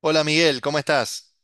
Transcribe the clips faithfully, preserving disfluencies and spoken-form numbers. Hola Miguel, ¿cómo estás?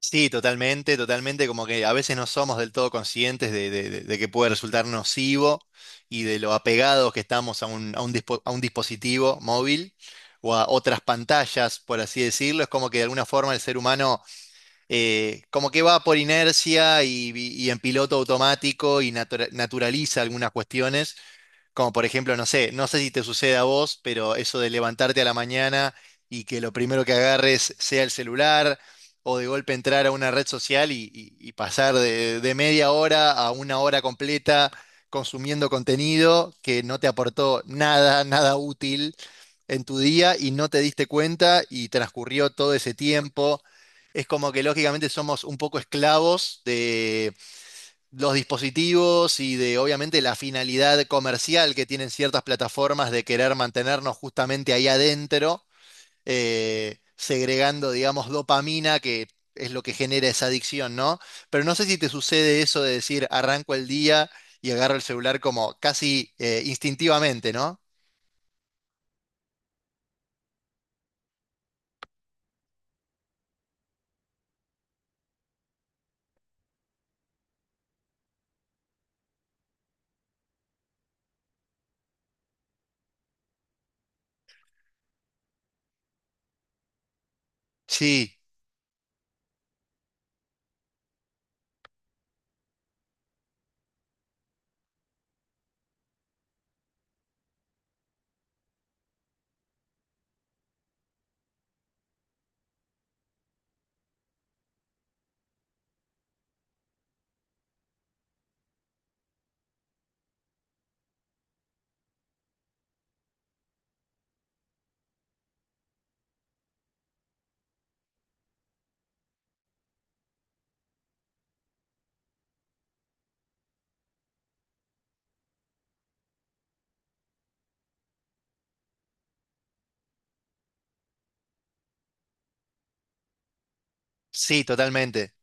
Sí, totalmente, totalmente, como que a veces no somos del todo conscientes de, de- de- de que puede resultar nocivo y de lo apegados que estamos a un, a un dispo- a un dispositivo móvil o a otras pantallas, por así decirlo. Es como que de alguna forma el ser humano eh, como que va por inercia y, y y en piloto automático y natura- naturaliza algunas cuestiones. Como por ejemplo, no sé, no sé si te sucede a vos, pero eso de levantarte a la mañana y que lo primero que agarres sea el celular, o de golpe entrar a una red social y, y- y pasar de, de media hora a una hora completa consumiendo contenido que no te aportó nada, nada útil en tu día y no te diste cuenta y transcurrió todo ese tiempo. Es como que lógicamente somos un poco esclavos los dispositivos y de obviamente la finalidad comercial que tienen ciertas plataformas de querer mantenernos justamente ahí adentro, eh, segregando, digamos, dopamina, que es lo que genera esa adicción, ¿no? Pero no sé si te sucede eso de decir, arranco el día y agarro el celular como casi eh, instintivamente, ¿no? Sí, sí, totalmente,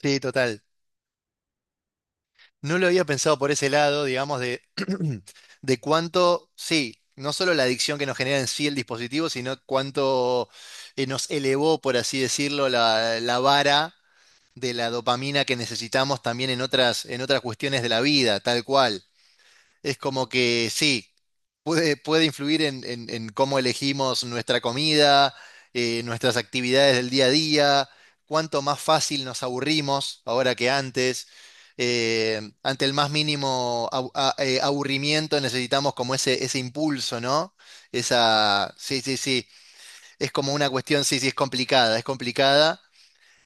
sí, total. No lo había pensado por ese lado, digamos, de, de cuánto, sí, no solo la adicción que nos genera en sí el dispositivo, sino cuánto eh, nos elevó, por así decirlo, la, la vara de la dopamina que necesitamos también en otras, en otras cuestiones de la vida, tal cual. Es como que sí, puede, puede influir en, en- en cómo elegimos nuestra comida, eh, nuestras actividades del día a día, cuánto más fácil nos aburrimos ahora que antes. Eh, ante el más mínimo au- a- eh, aburrimiento necesitamos como ese, ese impulso, ¿no? Esa, sí, sí, sí, es como una cuestión, sí, sí, es complicada, es complicada.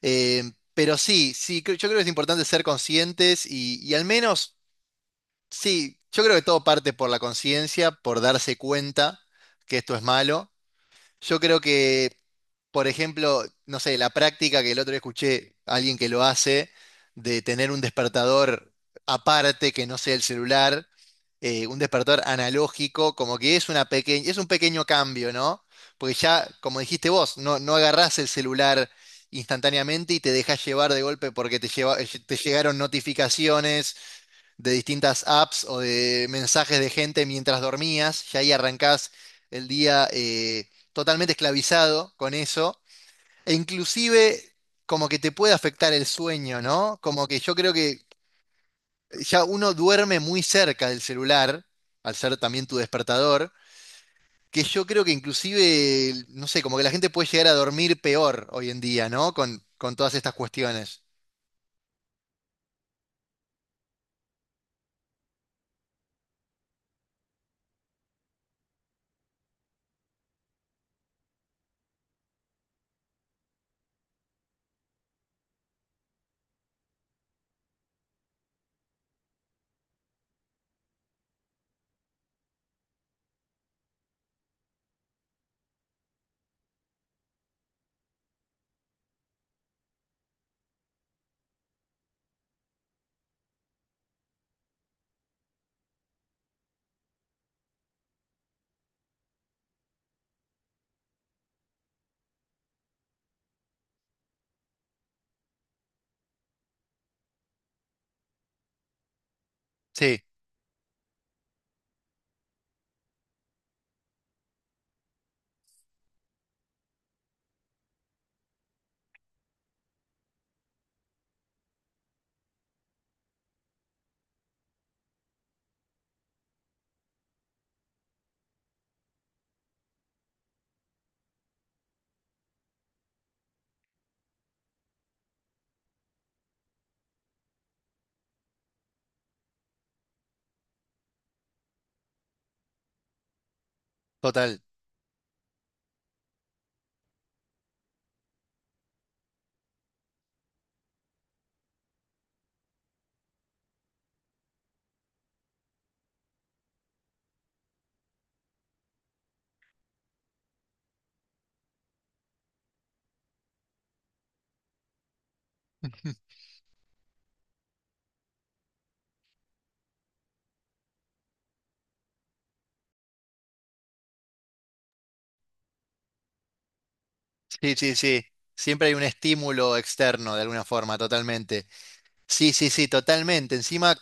eh, Pero sí, sí, cre- yo creo que es importante ser conscientes y y al menos... Sí, yo creo que todo parte por la conciencia, por darse cuenta que esto es malo. Yo creo que, por ejemplo, no sé, la práctica que el otro día escuché a alguien que lo hace, de tener un despertador aparte que no sea el celular, eh, un despertador analógico, como que es una pequeña, es un pequeño cambio, ¿no? Porque ya, como dijiste vos, no, no agarrás el celular instantáneamente y te dejas llevar de golpe porque te lleva- eh, te llegaron notificaciones de distintas apps o de mensajes de gente mientras dormías, ya ahí arrancás el día eh, totalmente esclavizado con eso, e inclusive como que te puede afectar el sueño, ¿no? Como que yo creo que ya uno duerme muy cerca del celular, al ser también tu despertador, que yo creo que inclusive, no sé, como que la gente puede llegar a dormir peor hoy en día, ¿no? Con, con todas estas cuestiones. Sí, total. Sí, sí, sí. Siempre hay un estímulo externo de alguna forma, totalmente. Sí, sí, sí, totalmente. Encima,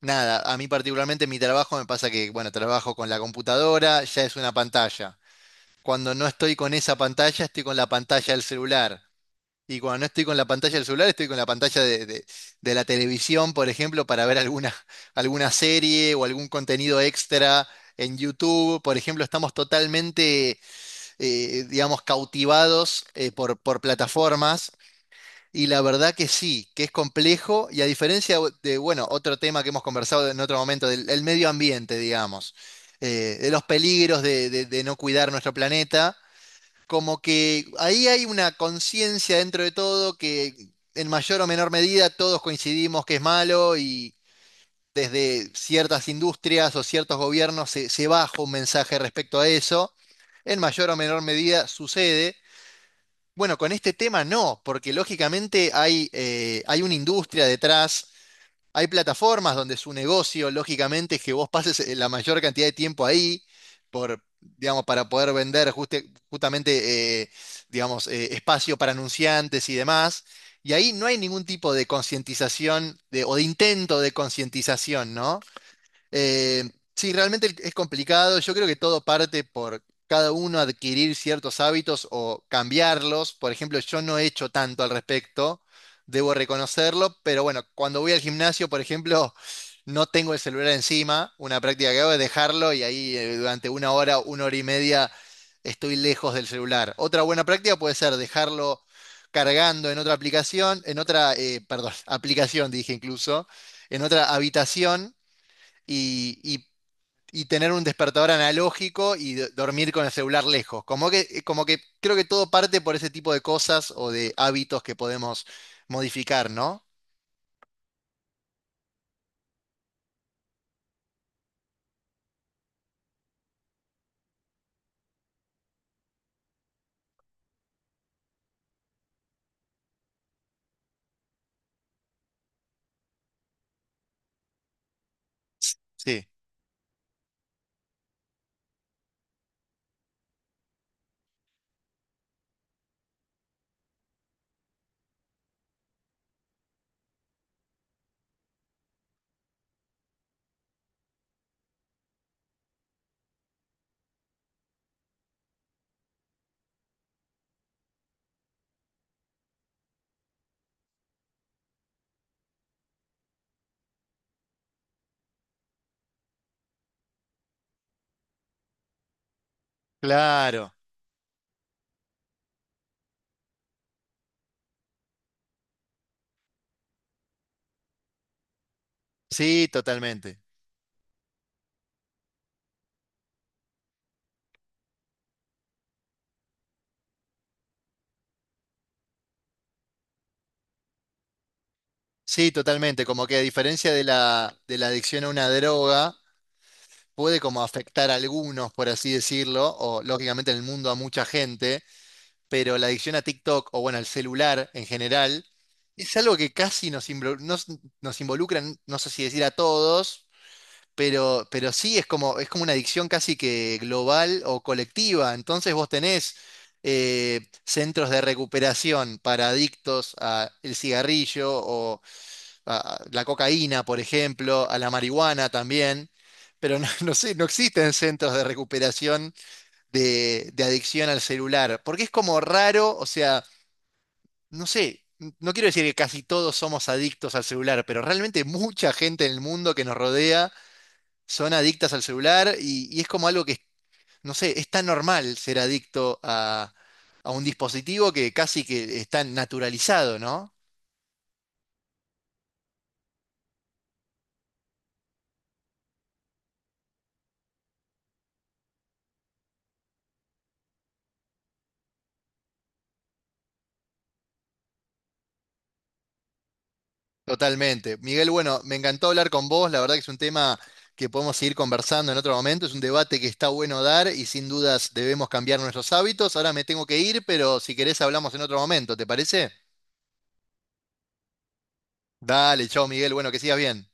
nada, a mí particularmente mi trabajo me pasa que, bueno, trabajo con la computadora, ya es una pantalla. Cuando no estoy con esa pantalla, estoy con la pantalla del celular. Y cuando no estoy con la pantalla del celular, estoy con la pantalla de, de- de la televisión, por ejemplo, para ver alguna, alguna serie o algún contenido extra en YouTube. Por ejemplo, estamos totalmente eh, digamos, cautivados eh, por, por plataformas. Y la verdad que sí, que es complejo y a diferencia de, bueno, otro tema que hemos conversado en otro momento, del, el medio ambiente, digamos, eh, de los peligros de, de- de no cuidar nuestro planeta, como que ahí hay una conciencia dentro de todo que en mayor o menor medida todos coincidimos que es malo y desde ciertas industrias o ciertos gobiernos se, se baja un mensaje respecto a eso. En mayor o menor medida sucede. Bueno, con este tema no, porque lógicamente hay, eh, hay una industria detrás, hay plataformas donde su negocio, lógicamente, es que vos pases eh, la mayor cantidad de tiempo ahí, por, digamos, para poder vender juste- justamente, eh, digamos, eh, espacio para anunciantes y demás. Y ahí no hay ningún tipo de concientización de- o de intento de concientización, ¿no? Eh, sí, realmente es complicado. Yo creo que todo parte por cada uno adquirir ciertos hábitos o cambiarlos. Por ejemplo, yo no he hecho tanto al respecto, debo reconocerlo, pero bueno, cuando voy al gimnasio, por ejemplo, no tengo el celular encima, una práctica que hago es dejarlo y ahí eh, durante una hora, una hora y media estoy lejos del celular. Otra buena práctica puede ser dejarlo cargando en otra aplicación, en otra, eh, perdón, aplicación dije incluso, en otra habitación y, y- y tener un despertador analógico y do- dormir con el celular lejos. Como que, eh, como que creo que todo parte por ese tipo de cosas o de hábitos que podemos modificar, ¿no? Sí, claro. Sí, totalmente. Sí, totalmente. Como que a diferencia de la, de la adicción a una droga, puede como afectar a algunos, por así decirlo, o lógicamente en el mundo a mucha gente, pero la adicción a TikTok o bueno, al celular en general es algo que casi nos, imbro- nos, nos involucra, n- no sé si decir a todos, pero, pero sí es como, es como una adicción casi que global o colectiva. Entonces vos tenés eh, centros de recuperación para adictos al cigarrillo o a a la cocaína, por ejemplo, a la marihuana también. Pero no, no sé, no existen centros de recuperación de, de adicción al celular, porque es como raro, o sea, no sé, n- no quiero decir que casi todos somos adictos al celular, pero realmente mucha gente en el mundo que nos rodea son adictas al celular y, y es como algo que, no sé, es tan normal ser adicto a, a un dispositivo que casi que está naturalizado, ¿no? Totalmente. Miguel, bueno, me encantó hablar con vos, la verdad que es un tema que podemos seguir conversando en otro momento, es un debate que está bueno dar y sin dudas debemos cambiar nuestros hábitos. Ahora me tengo que ir, pero si querés hablamos en otro momento, ¿te parece? Dale, chao Miguel, bueno, que sigas bien.